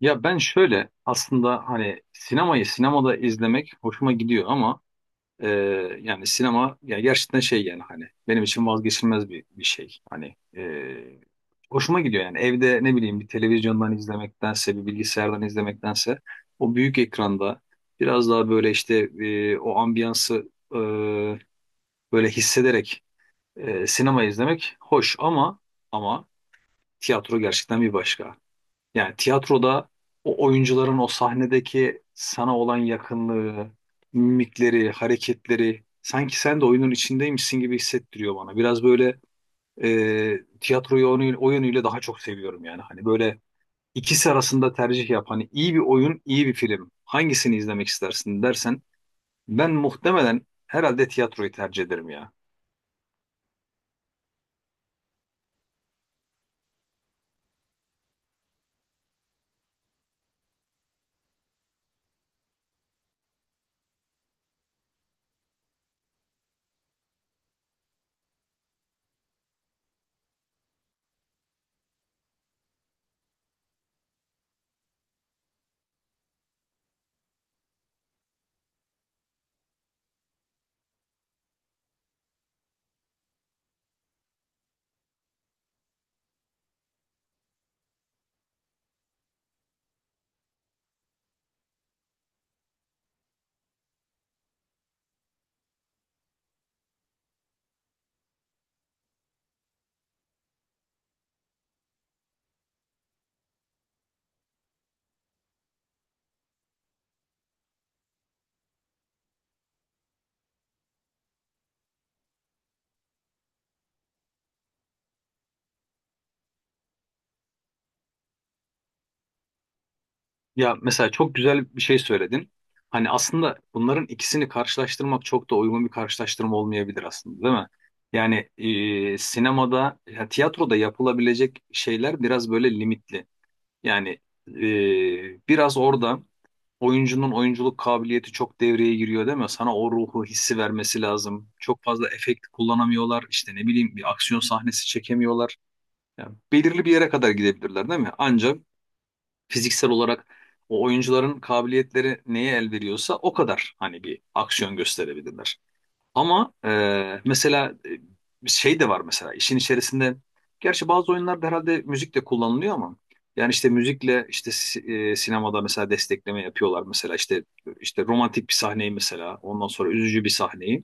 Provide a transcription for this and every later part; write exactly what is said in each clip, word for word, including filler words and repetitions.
Ya ben şöyle aslında hani sinemayı sinemada izlemek hoşuma gidiyor ama e, yani sinema ya gerçekten şey yani hani benim için vazgeçilmez bir bir şey. Hani e, hoşuma gidiyor yani evde ne bileyim bir televizyondan izlemektense bir bilgisayardan izlemektense o büyük ekranda biraz daha böyle işte e, o ambiyansı e, böyle hissederek e, sinema izlemek hoş ama ama tiyatro gerçekten bir başka. Yani tiyatroda o oyuncuların o sahnedeki sana olan yakınlığı, mimikleri, hareketleri sanki sen de oyunun içindeymişsin gibi hissettiriyor bana. Biraz böyle e, tiyatroyu o, yön- o yönüyle daha çok seviyorum yani. Hani böyle ikisi arasında tercih yap. Hani iyi bir oyun, iyi bir film. Hangisini izlemek istersin dersen ben muhtemelen herhalde tiyatroyu tercih ederim ya. Ya mesela çok güzel bir şey söyledin. Hani aslında bunların ikisini karşılaştırmak çok da uygun bir karşılaştırma olmayabilir aslında, değil mi? Yani e, sinemada, ya, tiyatroda yapılabilecek şeyler biraz böyle limitli. Yani e, biraz orada oyuncunun oyunculuk kabiliyeti çok devreye giriyor, değil mi? Sana o ruhu hissi vermesi lazım. Çok fazla efekt kullanamıyorlar. İşte ne bileyim bir aksiyon sahnesi çekemiyorlar. Yani belirli bir yere kadar gidebilirler, değil mi? Ancak fiziksel olarak o oyuncuların kabiliyetleri neye el veriyorsa o kadar hani bir aksiyon gösterebilirler. Ama e, mesela e, şey de var mesela işin içerisinde gerçi bazı oyunlarda herhalde müzik de kullanılıyor ama yani işte müzikle işte si- e, sinemada mesela destekleme yapıyorlar mesela işte işte romantik bir sahneyi mesela ondan sonra üzücü bir sahneyi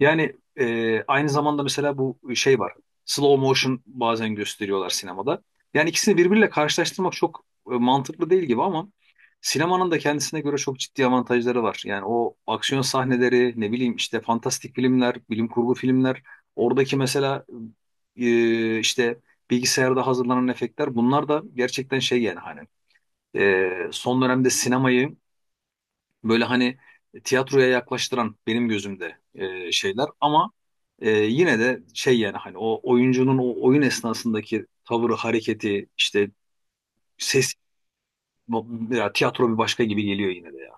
yani e, aynı zamanda mesela bu şey var. Slow motion bazen gösteriyorlar sinemada. Yani ikisini birbiriyle karşılaştırmak çok e, mantıklı değil gibi ama sinemanın da kendisine göre çok ciddi avantajları var. Yani o aksiyon sahneleri, ne bileyim işte fantastik filmler, bilim kurgu filmler, oradaki mesela e, işte bilgisayarda hazırlanan efektler bunlar da gerçekten şey yani hani e, son dönemde sinemayı böyle hani tiyatroya yaklaştıran benim gözümde e, şeyler ama e, yine de şey yani hani o oyuncunun o oyun esnasındaki tavırı, hareketi, işte ses, bu- ya tiyatro bir başka gibi geliyor yine de ya.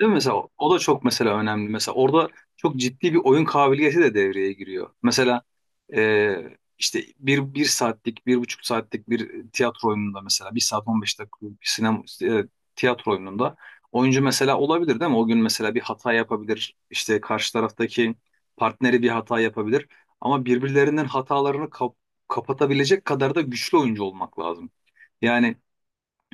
Değil mi? Mesela o da çok mesela önemli. Mesela orada çok ciddi bir oyun kabiliyeti de devreye giriyor. Mesela e, işte bir, bir saatlik, bir buçuk saatlik bir tiyatro oyununda mesela bir saat on beş dakikalık bir sinema e, tiyatro oyununda oyuncu mesela olabilir değil mi? O gün mesela bir hata yapabilir. İşte karşı taraftaki partneri bir hata yapabilir. Ama birbirlerinin hatalarını kap- kapatabilecek kadar da güçlü oyuncu olmak lazım. Yani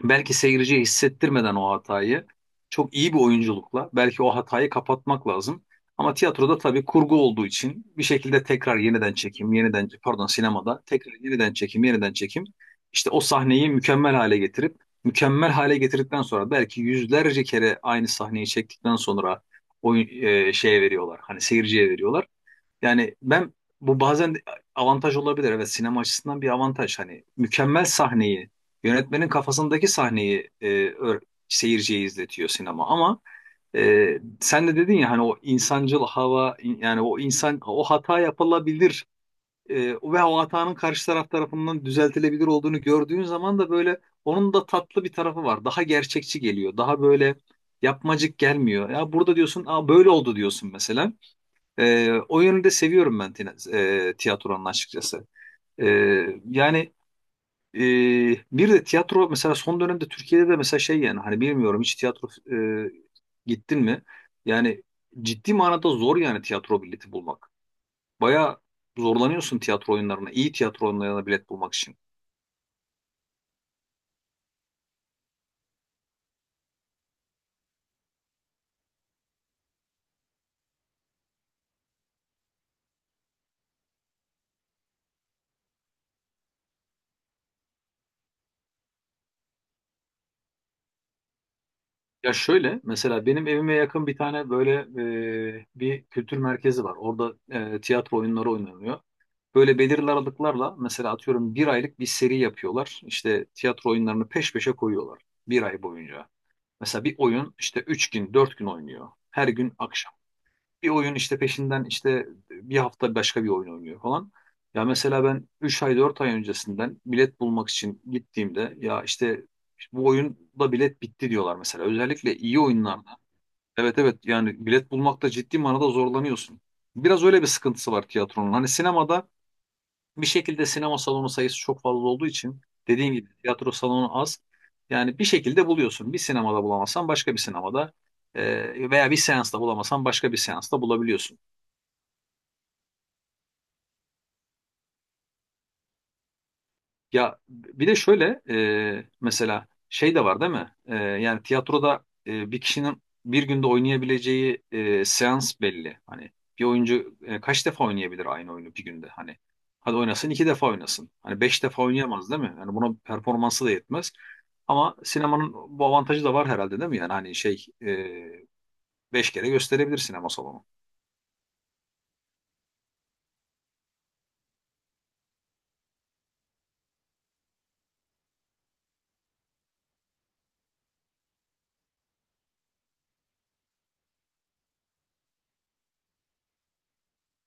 belki seyirciye hissettirmeden o hatayı çok iyi bir oyunculukla belki o hatayı kapatmak lazım. Ama tiyatroda tabii kurgu olduğu için bir şekilde tekrar yeniden çekim, yeniden pardon sinemada tekrar yeniden çekim, yeniden çekim. İşte o sahneyi mükemmel hale getirip mükemmel hale getirdikten sonra belki yüzlerce kere aynı sahneyi çektikten sonra oyun e, şeye veriyorlar. Hani seyirciye veriyorlar. Yani ben bu bazen de avantaj olabilir. Evet sinema açısından bir avantaj. Hani mükemmel sahneyi, yönetmenin kafasındaki sahneyi e, ö- seyirciye izletiyor sinema. Ama e, sen de dedin ya hani o insancıl hava in- yani o insan o hata yapılabilir e, ve o hatanın karşı taraf tarafından düzeltilebilir olduğunu gördüğün zaman da böyle onun da tatlı bir tarafı var. Daha gerçekçi geliyor. Daha böyle yapmacık gelmiyor. Ya burada diyorsun, aa, böyle oldu diyorsun mesela. Ee, o yönü de seviyorum ben tina- e, tiyatronun açıkçası. Ee, Yani e, bir de tiyatro mesela son dönemde Türkiye'de de mesela şey yani hani bilmiyorum hiç tiyatro e, gittin mi? Yani ciddi manada zor yani tiyatro bileti bulmak. Baya zorlanıyorsun tiyatro oyunlarına, iyi tiyatro oyunlarına bilet bulmak için. Ya şöyle mesela benim evime yakın bir tane böyle e, bir kültür merkezi var. Orada e, tiyatro oyunları oynanıyor. Böyle belirli aralıklarla mesela atıyorum bir aylık bir seri yapıyorlar. İşte tiyatro oyunlarını peş peşe koyuyorlar bir ay boyunca. Mesela bir oyun işte üç gün, dört gün oynuyor. Her gün akşam. Bir oyun işte peşinden işte bir hafta başka bir oyun oynuyor falan. Ya mesela ben üç ay dört ay öncesinden bilet bulmak için gittiğimde ya işte bu oyunda bilet bitti diyorlar mesela. Özellikle iyi oyunlarda. Evet evet yani bilet bulmakta ciddi manada zorlanıyorsun. Biraz öyle bir sıkıntısı var tiyatronun. Hani sinemada bir şekilde sinema salonu sayısı çok fazla olduğu için dediğim gibi tiyatro salonu az. Yani bir şekilde buluyorsun. Bir sinemada bulamazsan başka bir sinemada e, veya bir seansta bulamazsan başka bir seansta bulabiliyorsun. Ya bir de şöyle e, mesela şey de var değil mi? E, yani tiyatroda e, bir kişinin bir günde oynayabileceği e, seans belli. Hani bir oyuncu e, kaç defa oynayabilir aynı oyunu bir günde? Hani hadi oynasın iki defa oynasın. Hani beş defa oynayamaz değil mi? Yani buna performansı da yetmez. Ama sinemanın bu avantajı da var herhalde değil mi? Yani hani şey e, beş kere gösterebilir sinema salonu.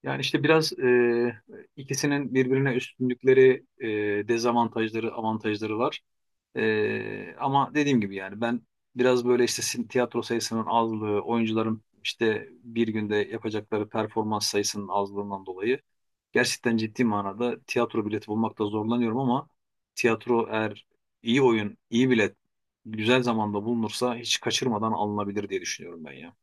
Yani işte biraz e, ikisinin birbirine üstünlükleri, e, dezavantajları, avantajları var. Ee, ama dediğim gibi yani ben biraz böyle işte sin- tiyatro sayısının azlığı, oyuncuların işte bir günde yapacakları performans sayısının azlığından dolayı gerçekten ciddi manada tiyatro bileti bulmakta zorlanıyorum ama tiyatro eğer iyi oyun, iyi bilet güzel zamanda bulunursa hiç kaçırmadan alınabilir diye düşünüyorum ben ya.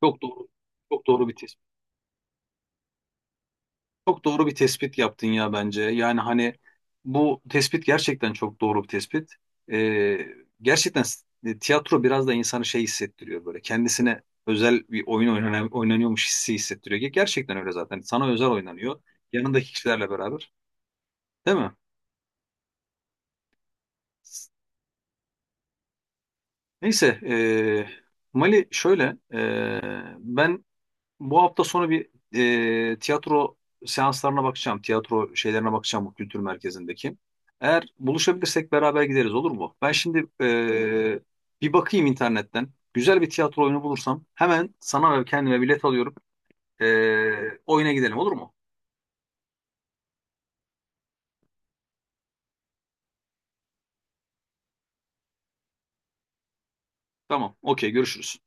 Çok doğru, çok doğru bir tespit. Çok doğru bir tespit yaptın ya bence. Yani hani bu tespit gerçekten çok doğru bir tespit. Ee, Gerçekten s- e, tiyatro biraz da insanı şey hissettiriyor böyle. Kendisine özel bir oyun oynanan- oynanıyormuş hissi hissettiriyor. Gerçekten öyle zaten. Sana özel oynanıyor. Yanındaki kişilerle beraber. Değil mi? Neyse. ee, Mali şöyle. ee, ben bu hafta sonu bir e, tiyatro seanslarına bakacağım. Tiyatro şeylerine bakacağım bu kültür merkezindeki. Eğer buluşabilirsek beraber gideriz olur mu? Ben şimdi e, bir bakayım internetten. Güzel bir tiyatro oyunu bulursam hemen sana ve kendime bilet alıyorum. E, oyuna gidelim olur mu? Tamam, okey görüşürüz.